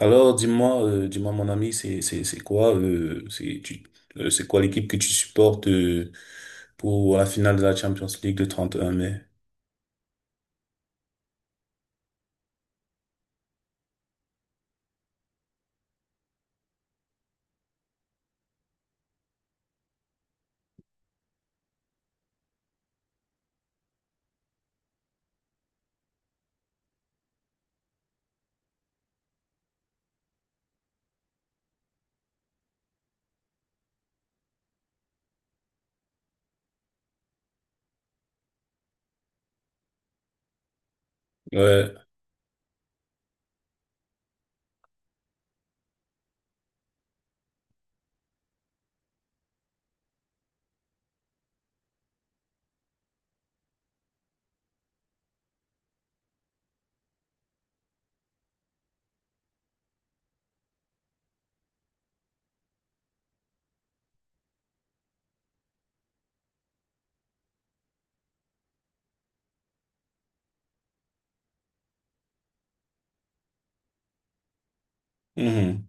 Alors, dis-moi, dis-moi, mon ami, c'est quoi, c'est quoi l'équipe que tu supportes, pour la finale de la Champions League le 31 mai? Ouais. Mhm.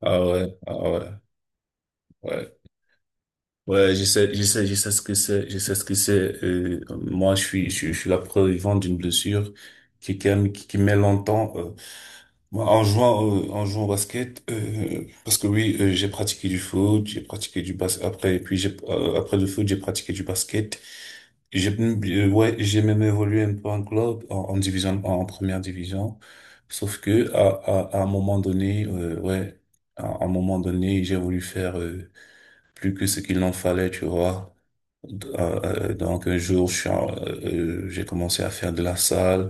Ah ouais, ah ouais, ouais. Ouais, je sais, je sais, je sais ce que c'est, je sais ce que c'est. Moi, je suis la preuve vivante d'une blessure qui met longtemps. Moi, en jouant, en jouant au basket, parce que oui, j'ai pratiqué du foot, j'ai pratiqué du basket, après, et puis après le foot, j'ai pratiqué du basket. J'ai, ouais, j'ai même évolué un peu en club, en, en division, en, première division. Sauf que, à un moment donné, à un moment donné, j'ai voulu faire, plus que ce qu'il en fallait, tu vois. Euh, donc un jour, j'ai commencé à faire de la salle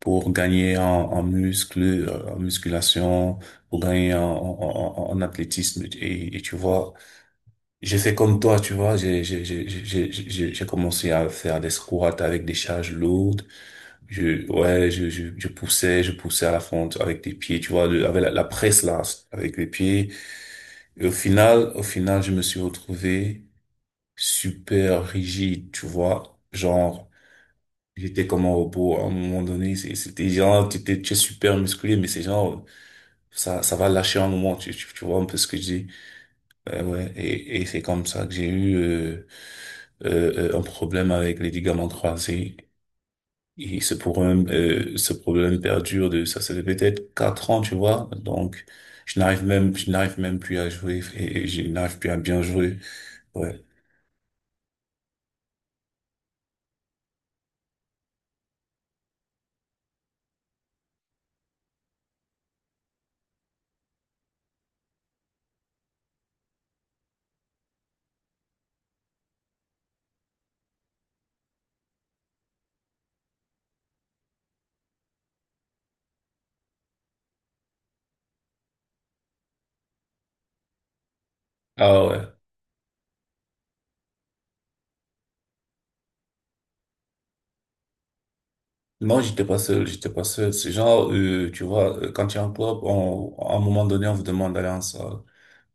pour gagner en muscle, en musculation, pour gagner en athlétisme. Et tu vois, j'ai fait comme toi, tu vois, j'ai commencé à faire des squats avec des charges lourdes. Je poussais, je poussais à la fonte avec des pieds, tu vois, avec la presse là, avec les pieds. Et au final, je me suis retrouvé super rigide, tu vois. Genre, j'étais comme un robot à un moment donné. C'était genre, tu es super musclé, mais c'est genre, ça va lâcher un moment, tu vois un peu ce que je dis. Ouais, ouais. Et c'est comme ça que j'ai eu un problème avec les ligaments croisés. Et ce problème perdure ça, ça fait peut-être 4 ans, tu vois. Donc, je n'arrive même plus à jouer et je n'arrive plus à bien jouer. Ouais. Ah ouais. Non, j'étais pas seul, j'étais pas seul. C'est genre, tu vois, quand tu es en club, on, à un moment donné, on vous demande d'aller en salle.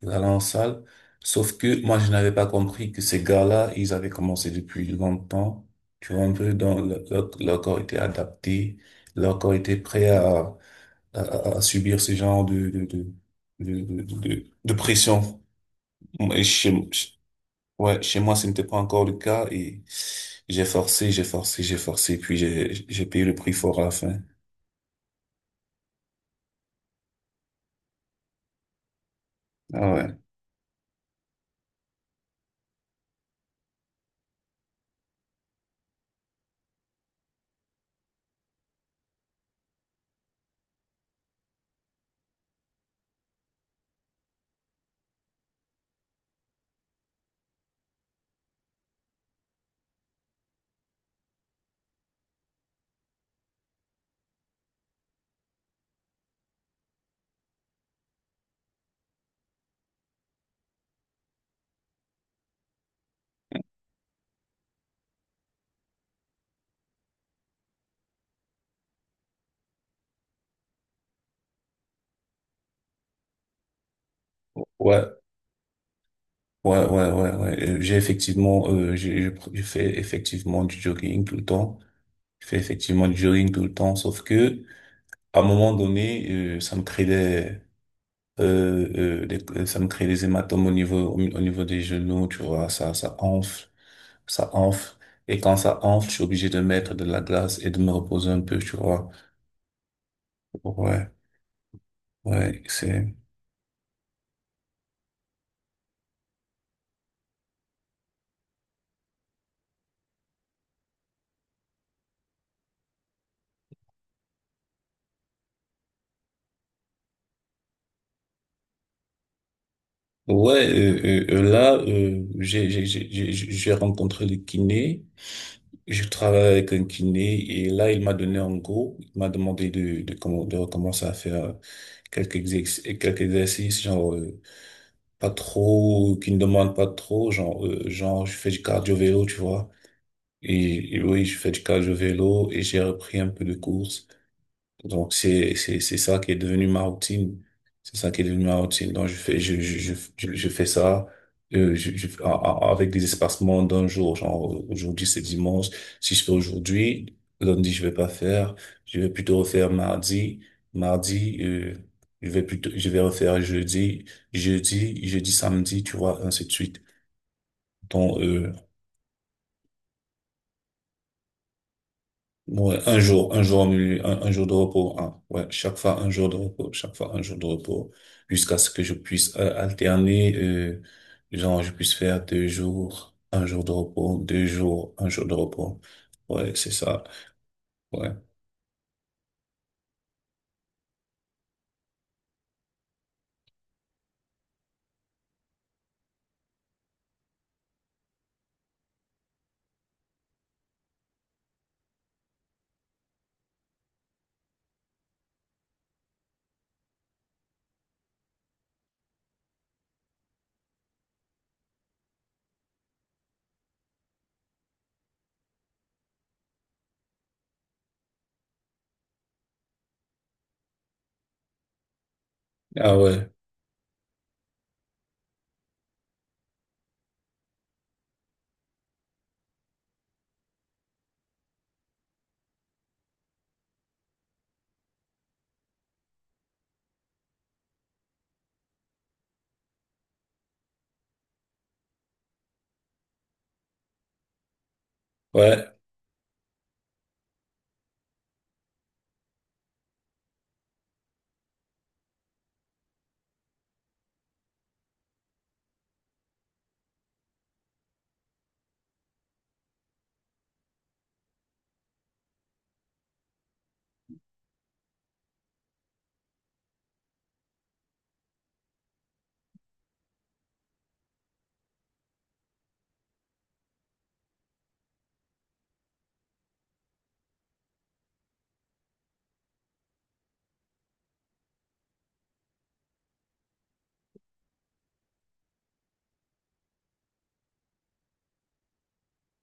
Vous allez en salle. Sauf que moi, je n'avais pas compris que ces gars-là, ils avaient commencé depuis longtemps. Tu vois, un peu dans leur corps était adapté, leur corps était prêt à subir ce genre de pression. Et chez, ouais, Chez moi, ce n'était pas encore le cas et j'ai forcé, j'ai forcé, j'ai forcé, puis j'ai payé le prix fort à la fin. Ah ouais. Ouais, ouais, ouais, ouais, ouais. J'ai effectivement, j'ai fait effectivement du jogging tout le temps. Je fais effectivement du jogging tout le temps, sauf que, à un moment donné, ça me crée des, ça me crée des hématomes au niveau, au niveau des genoux, tu vois, ça enfle, ça enfle. Et quand ça enfle, je suis obligé de mettre de la glace et de me reposer un peu, tu vois. Ouais, ouais, ouais, là, j'ai rencontré le kiné. Je travaille avec un kiné et là, il m'a donné un go. Il m'a demandé de recommencer à faire quelques exercices, genre, pas trop, qui ne demandent pas trop, genre, je fais du cardio-vélo, tu vois. Et oui, je fais du cardio-vélo et j'ai repris un peu de course. Donc c'est ça qui est devenu ma routine. C'est ça qui est devenu ma routine. Donc je fais ça avec des espacements d'un jour. Genre aujourd'hui c'est dimanche. Si je fais aujourd'hui, lundi je vais pas faire. Je vais plutôt refaire mardi. Mardi je vais plutôt je vais refaire jeudi. Jeudi jeudi samedi tu vois ainsi de suite. Donc euh, Ouais, un jour, un jour de repos, hein. Ouais, chaque fois un jour de repos, chaque fois un jour de repos, jusqu'à ce que je puisse alterner, genre je puisse faire deux jours, un jour de repos, deux jours, un jour de repos. Ouais, c'est ça. Ouais. Ah ouais, ouais.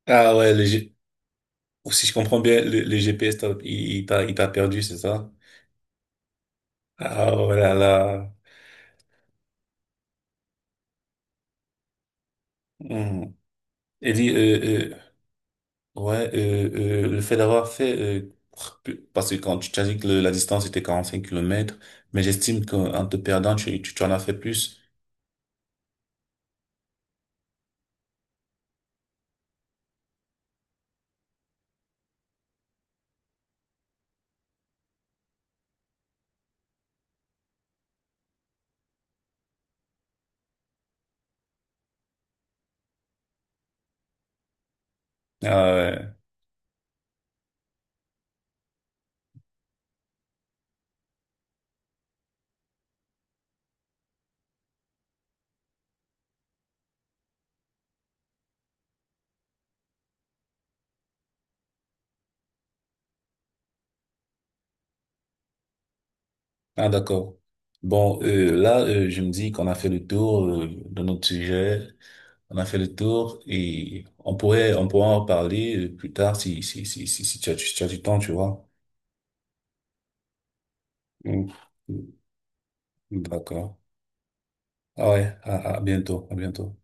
Ah ouais, le G- Si je comprends bien, le GPS, il t'a perdu, c'est ça? Ah voilà là. Hmm. Et dit, euh, euh, Ouais, le fait d'avoir fait, parce que quand tu t'as dit que la distance était 45 kilomètres, mais j'estime qu'en te perdant, tu en as fait plus. Ah, ouais. Ah, d'accord. Bon, là, je me dis qu'on a fait le tour, de notre sujet, on a fait le tour et on pourra en reparler plus tard si tu as, si tu as du temps, tu vois. Mm. D'accord. Ah ouais, à bientôt, à bientôt.